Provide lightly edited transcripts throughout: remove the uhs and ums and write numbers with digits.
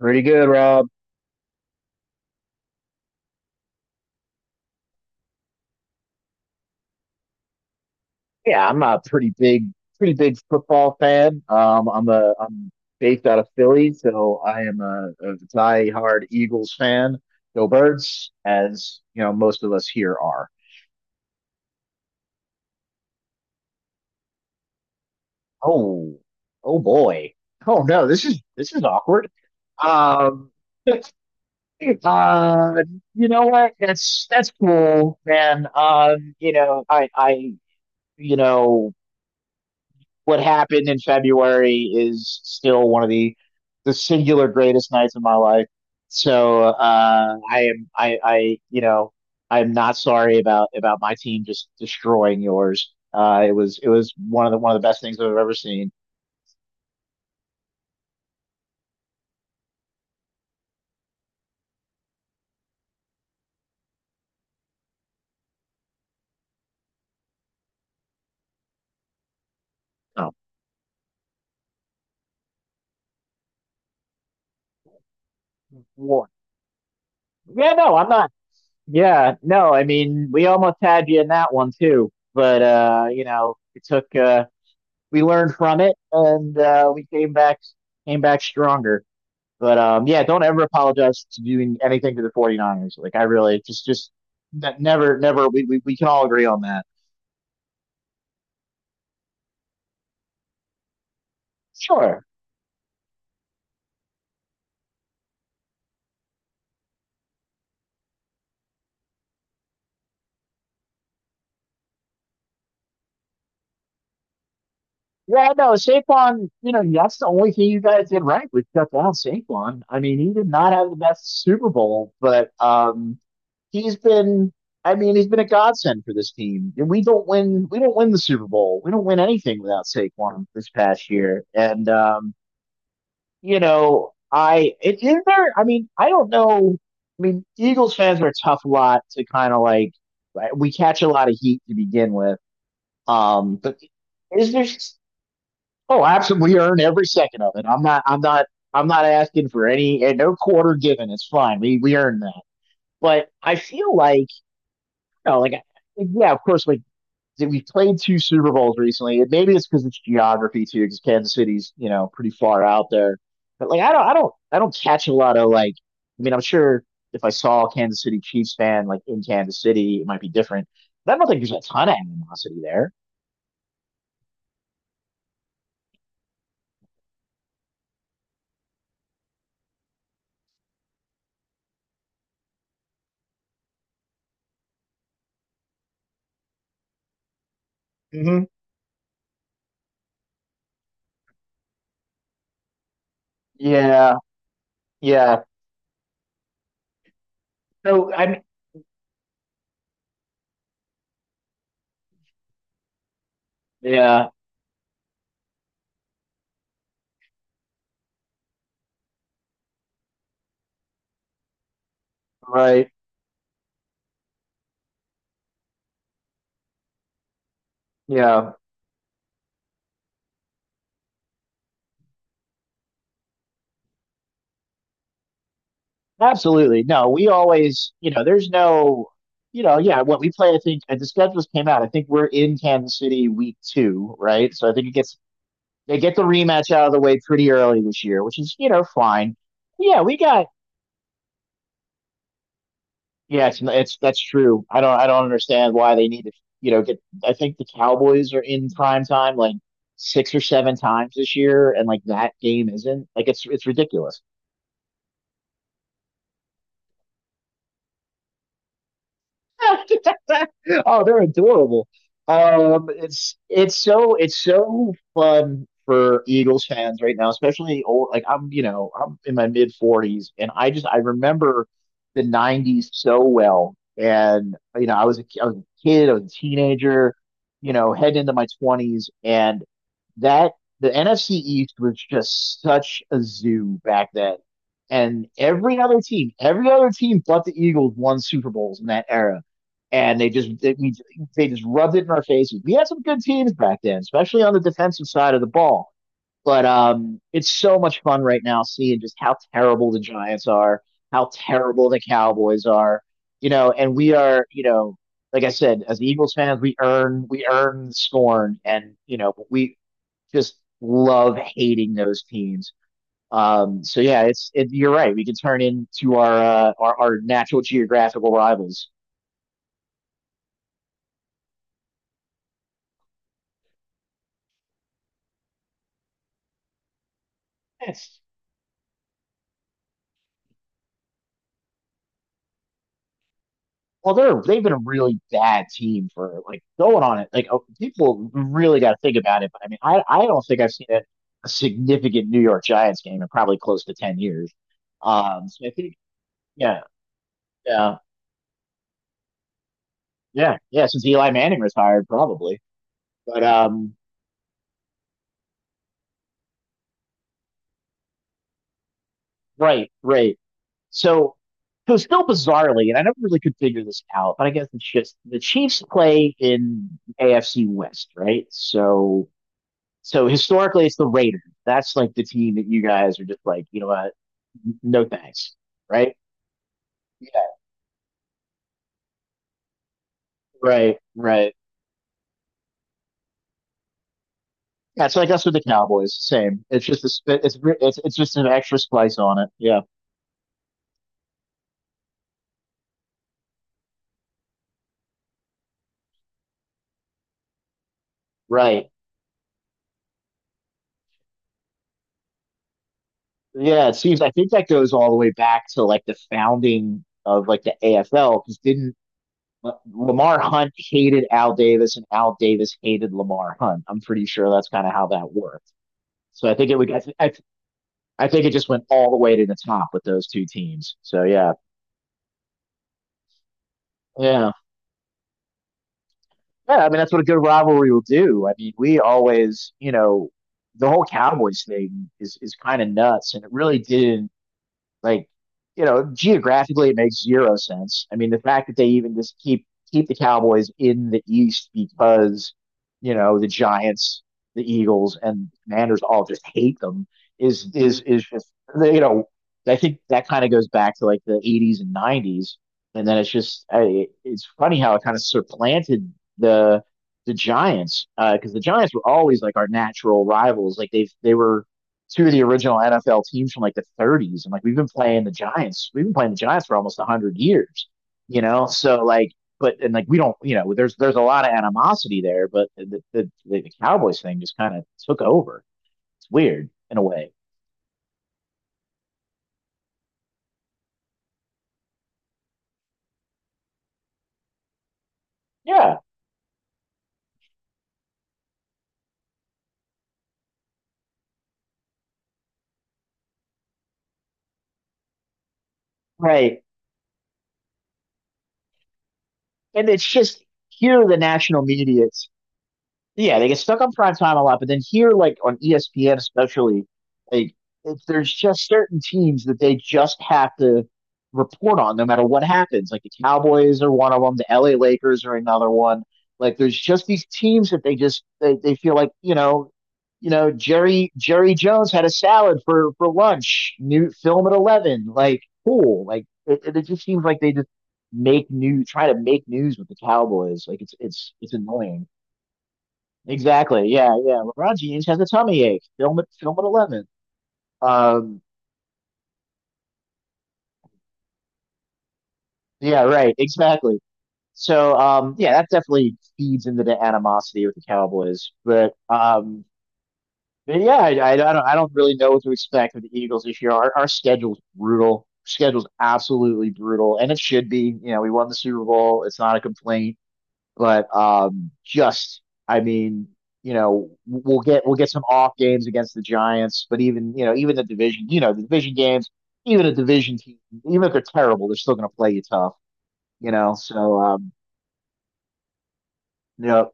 Pretty good, Rob. Yeah, I'm a pretty big football fan. I'm based out of Philly, so I am a diehard Eagles fan. Go Birds, as you know, most of us here are. Oh, oh boy. Oh no, this is awkward. Um, uh, you know what? That's cool, man. I you know what happened in February is still one of the singular greatest nights of my life. So I am I I am not sorry about my team just destroying yours. It was one of the best things I've ever seen. Oh, war. Yeah, no, I'm not. Yeah, no, I mean we almost had you in that one too, but it took we learned from it and we came back stronger. But yeah, don't ever apologize to doing anything to the 49ers. Like I really just never we can all agree on that. Sure. Yeah, no, Saquon, that's the only thing you guys did right was shut down Saquon. I mean, he did not have the best Super Bowl, but he's been I mean, he's been a godsend for this team. And we don't win the Super Bowl. We don't win anything without Saquon this past year. And I it is there. I mean, I don't know. I mean, Eagles fans are a tough lot to kind of like. Right, we catch a lot of heat to begin with. But is there? Oh, absolutely. We earn every second of it. I'm not. I'm not. I'm not asking for any and no quarter given. It's fine. We earn that. But I feel like, like yeah, of course, like that we played two Super Bowls recently. Maybe it's because it's geography too, because Kansas City's pretty far out there. But like I don't catch a lot of like I mean I'm sure if I saw a Kansas City Chiefs fan like in Kansas City it might be different. But I don't think there's a ton of animosity there. Mm-hmm. Yeah, yeah. So I mean, yeah, right. Yeah, absolutely. No, we always, there's no, yeah, what we play, I think, and the schedules came out. I think we're in Kansas City week two, right? So I think it gets they get the rematch out of the way pretty early this year, which is fine. Yeah, we got yeah, it's that's true. I don't understand why they need to get. I think the Cowboys are in prime time like six or seven times this year, and like that game isn't like it's ridiculous. Oh, they're adorable. It's so fun for Eagles fans right now, especially old. Like I'm, I'm in my mid 40s, and I just I remember the 90s so well. And I was a kid, I was a teenager, heading into my 20s, and that the NFC East was just such a zoo back then. And every other team but the Eagles won Super Bowls in that era, and they just rubbed it in our faces. We had some good teams back then, especially on the defensive side of the ball. But it's so much fun right now seeing just how terrible the Giants are, how terrible the Cowboys are. And we are, like I said, as Eagles fans, we earn scorn, and we just love hating those teams. So yeah, you're right. We can turn into our natural geographical rivals. Yes. Well, they've been a really bad team for like going on it. Like oh, people really got to think about it. But I mean, I don't think I've seen a significant New York Giants game in probably close to 10 years. So I think yeah, yeah, yeah, yeah. Since Eli Manning retired, probably. But right, right. So so still bizarrely, and I never really could figure this out. But I guess it's just the Chiefs play in AFC West, right? So so historically it's the Raiders. That's like the team that you guys are just like, you know what? No thanks. Right? Yeah. Right, right. Yeah, it's like us with the Cowboys. Same. It's just it's just an extra splice on it. Yeah. Right. Yeah, it seems I think that goes all the way back to like the founding of like the AFL because didn't Lamar Hunt hated Al Davis and Al Davis hated Lamar Hunt. I'm pretty sure that's kind of how that worked. I, th- I think it just went all the way to the top with those two teams. So yeah, yeah, yeah. I mean, that's what a good rivalry will do. I mean, we always, the whole Cowboys thing is kind of nuts, and it really didn't. Like, geographically it makes zero sense. I mean, the fact that they even just keep the Cowboys in the East, because, the Giants, the Eagles, and the Commanders all just hate them is just. you know, I think that kind of goes back to like the 80s and 90s, and then it's funny how it kind of supplanted the the Giants, because the Giants were always like our natural rivals. Like they were two of the original NFL teams from like the 30s. And like we've been playing the Giants, we've been playing the Giants for almost 100 years, you know? So like, but and like we don't, there's a lot of animosity there, but the Cowboys thing just kind of took over. It's weird in a way. Yeah, right. And it's just here are the national media. Yeah, they get stuck on prime time a lot, but then here, like on ESPN especially, like there's just certain teams that they just have to report on no matter what happens. Like the Cowboys are one of them, the LA Lakers are another one. Like there's just these teams that they just they feel like Jerry Jones had a salad for lunch. New film at 11, like cool. Like it just seems like they just make new try to make news with the Cowboys. Like it's annoying. Exactly. Yeah, yeah. LeBron James has a tummy ache. Film at 11. Um, yeah, right, exactly. So yeah, that definitely feeds into the animosity with the Cowboys. But yeah, I don't really know what to expect with the Eagles this year. Our schedule's brutal. Schedule's absolutely brutal, and it should be. You know, we won the Super Bowl. It's not a complaint. But just, I mean, we'll get some off games against the Giants, but even even the division, the division games, even a division team, even if they're terrible, they're still going to play you tough. So, you know,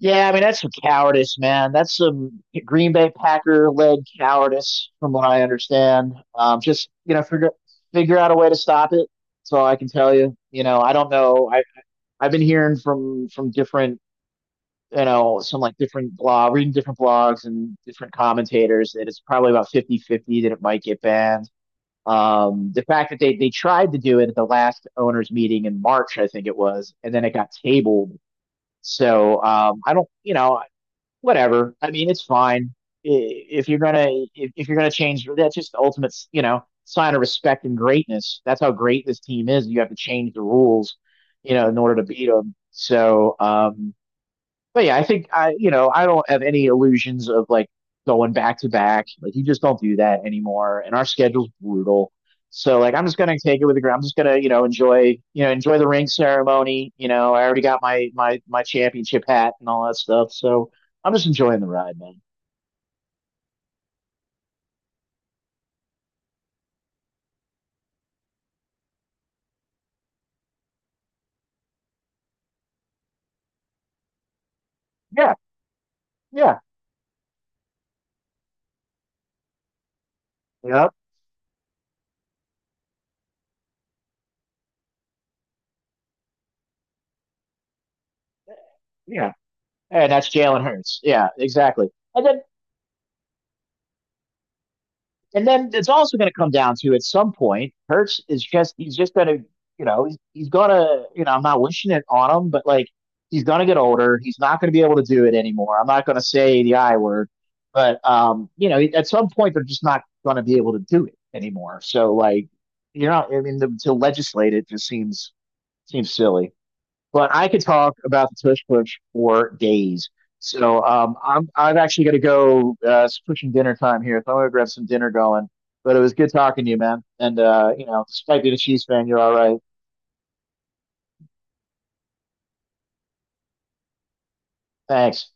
yeah, I mean, that's some cowardice, man. That's some Green Bay Packer led cowardice, from what I understand. Just figure out a way to stop it. That's all I can tell you. You know, I don't know. I've been hearing from different some like different blog, reading different blogs and different commentators that it's probably about 50-50 that it might get banned. The fact that they tried to do it at the last owners meeting in March, I think it was, and then it got tabled. So I don't, whatever. I mean, it's fine if you're gonna if you're gonna change. That's just the ultimate, sign of respect and greatness. That's how great this team is. You have to change the rules, in order to beat them. So but yeah, I think I, you know, I don't have any illusions of like going back to back. Like you just don't do that anymore. And our schedule's brutal. So like I'm just gonna take it with the ground. I'm just gonna, enjoy, the ring ceremony. You know, I already got my championship hat and all that stuff. So I'm just enjoying the ride, man. Yeah, yeah, yeah, yeah. And that's Jalen Hurts. Yeah, exactly. And then And then it's also going to come down to at some point, Hertz is just he's just going to he's going to I'm not wishing it on him, but like he's going to get older. He's not going to be able to do it anymore. I'm not going to say the I word, but at some point they're just not going to be able to do it anymore. So like you're not. I mean, to legislate it just seems silly, but I could talk about the tush push for days. So I'm actually gonna go. It's pushing dinner time here, so I'm gonna grab some dinner going. But it was good talking to you, man. And despite being a Chiefs fan, you're all right. Thanks.